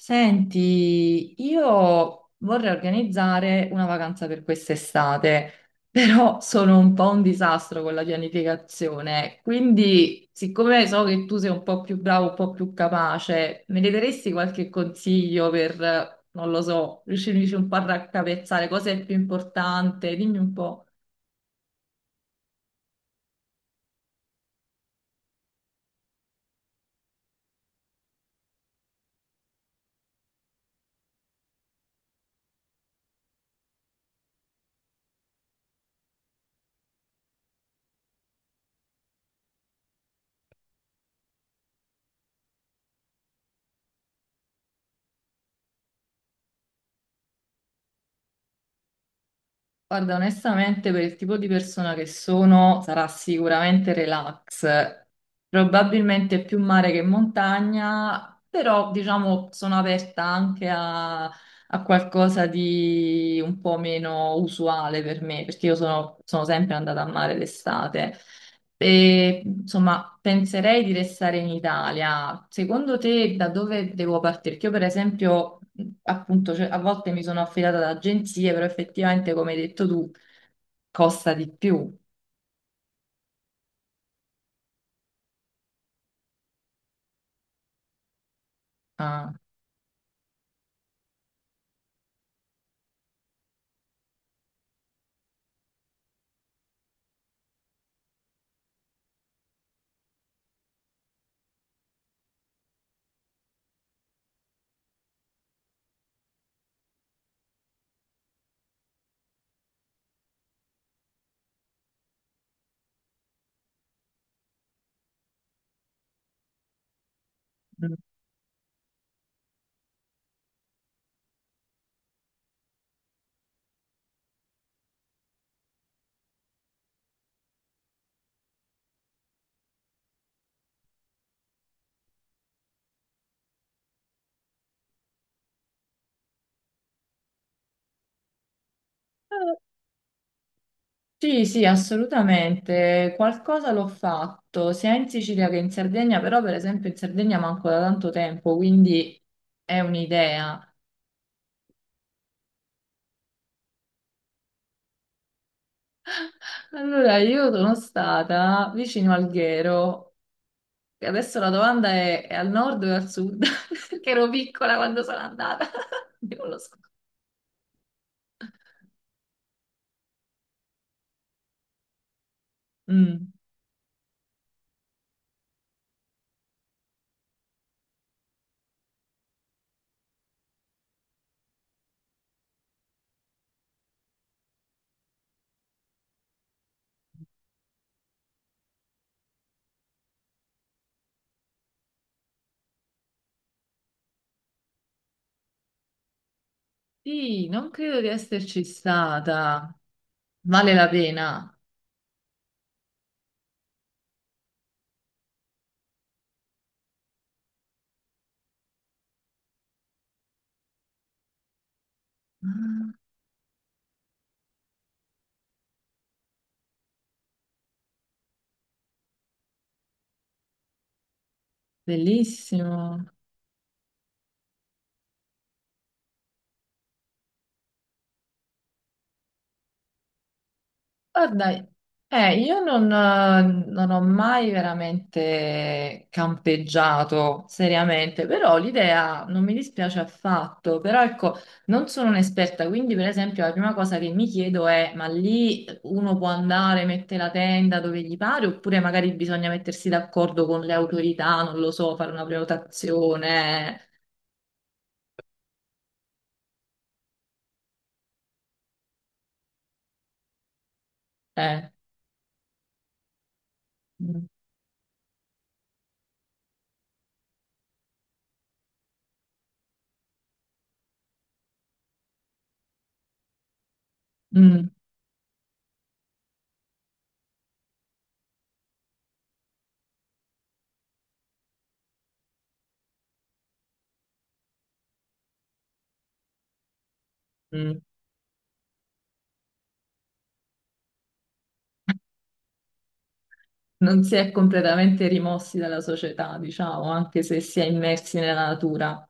Senti, io vorrei organizzare una vacanza per quest'estate, però sono un po' un disastro con la pianificazione, quindi siccome so che tu sei un po' più bravo, un po' più capace, me ne daresti qualche consiglio per, non lo so, riuscirmi un po' a raccapezzare cosa è più importante? Dimmi un po'. Guarda, onestamente, per il tipo di persona che sono, sarà sicuramente relax, probabilmente più mare che montagna, però diciamo sono aperta anche a qualcosa di un po' meno usuale per me, perché io sono sempre andata a mare d'estate. E, insomma, penserei di restare in Italia. Secondo te da dove devo partire? Perché io, per esempio, appunto, cioè, a volte mi sono affidata ad agenzie, però effettivamente, come hai detto tu, costa di più. Ah, mm. Eh, sì, sì, assolutamente. Qualcosa l'ho fatto sia in Sicilia che in Sardegna, però per esempio in Sardegna manco da tanto tempo, quindi è un'idea. Allora, io sono stata vicino Alghero. Adesso la domanda è al nord o al sud? Perché ero piccola quando sono andata, quindi non lo so. Mm. Sì, non credo di esserci stata. Vale la pena. Ah, bellissimo. Guarda, io non ho mai veramente campeggiato seriamente, però l'idea non mi dispiace affatto, però ecco, non sono un'esperta, quindi per esempio la prima cosa che mi chiedo è, ma lì uno può andare, mette la tenda dove gli pare, oppure magari bisogna mettersi d'accordo con le autorità, non lo so, fare una prenotazione. eh. eh, Mm, mm, mm. Non si è completamente rimossi dalla società, diciamo, anche se si è immersi nella natura.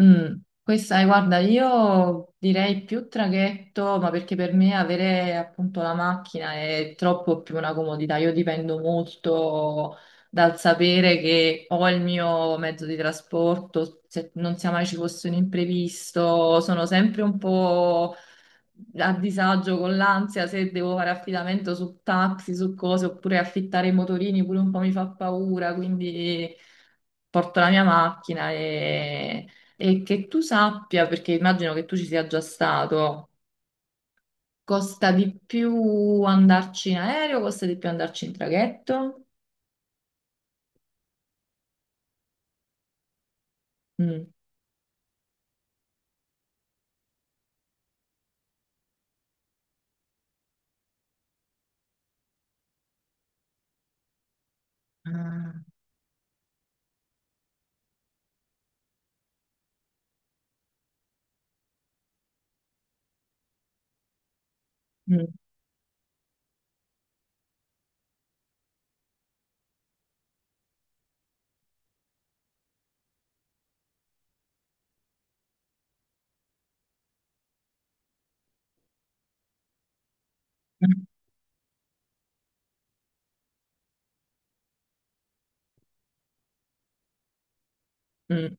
Mm. Questa, guarda, io direi più traghetto, ma perché per me avere appunto la macchina è troppo più una comodità. Io dipendo molto dal sapere che ho il mio mezzo di trasporto, se non sia mai ci fosse un imprevisto, sono sempre un po' a disagio con l'ansia se devo fare affidamento su taxi, su cose, oppure affittare i motorini pure un po' mi fa paura, quindi porto la mia macchina e che tu sappia, perché immagino che tu ci sia già stato, costa di più andarci in aereo, costa di più andarci in traghetto? Mm, ah, mm, mm.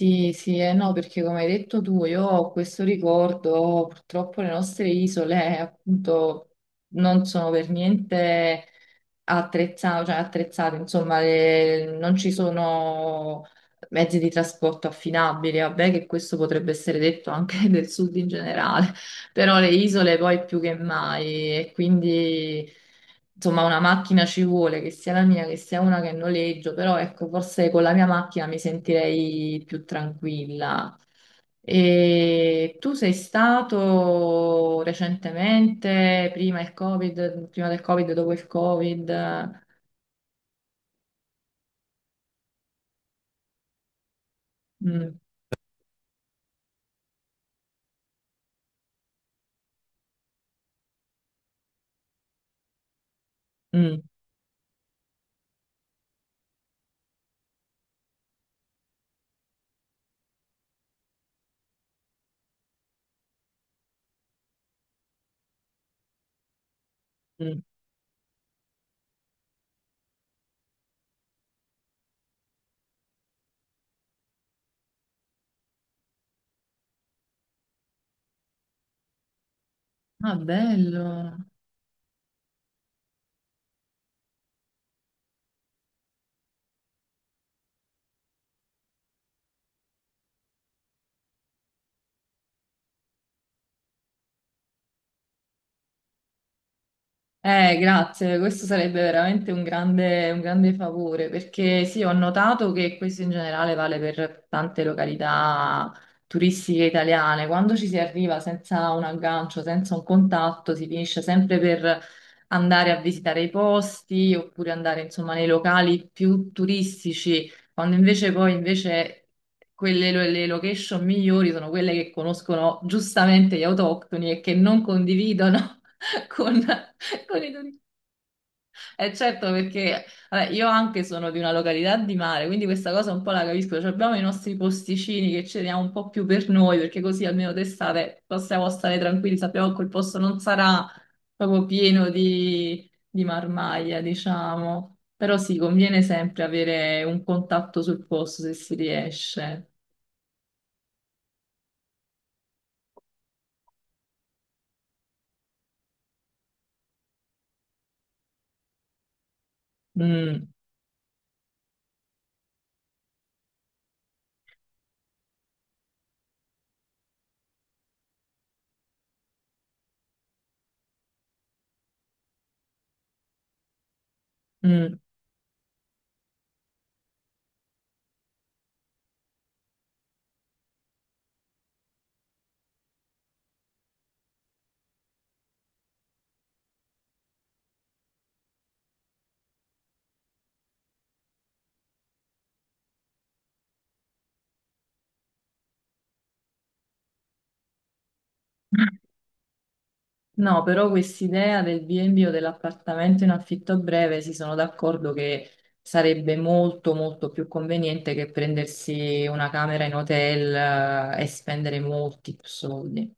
Sì, sì, eh no, perché come hai detto tu, io ho questo ricordo, purtroppo le nostre isole appunto non sono per niente attrezzate, cioè attrezzate, insomma, non ci sono mezzi di trasporto affinabili, vabbè che questo potrebbe essere detto anche del sud in generale, però le isole poi più che mai e quindi insomma una macchina ci vuole, che sia la mia, che sia una che noleggio, però ecco forse con la mia macchina mi sentirei più tranquilla. E tu sei stato recentemente, prima il Covid, prima del Covid, dopo il Covid? Mm, mm, mm. Ah, bello. Grazie, questo sarebbe veramente un grande favore perché sì, ho notato che questo in generale vale per tante località turistiche italiane. Quando ci si arriva senza un aggancio, senza un contatto, si finisce sempre per andare a visitare i posti oppure andare insomma nei locali più turistici, quando invece poi invece quelle le location migliori sono quelle che conoscono giustamente gli autoctoni e che non condividono. con, con, i turisti. Eh certo, perché vabbè, io anche sono di una località di mare, quindi questa cosa un po' la capisco. Cioè, abbiamo i nostri posticini che ce li diamo un po' più per noi, perché così almeno d'estate possiamo stare tranquilli, sappiamo che quel posto non sarà proprio pieno di, marmaglia, diciamo. Però sì, conviene sempre avere un contatto sul posto se si riesce. Mm, mm. No, però quest'idea del B&B o dell'appartamento in affitto breve si sono d'accordo che sarebbe molto molto più conveniente che prendersi una camera in hotel e spendere molti più soldi.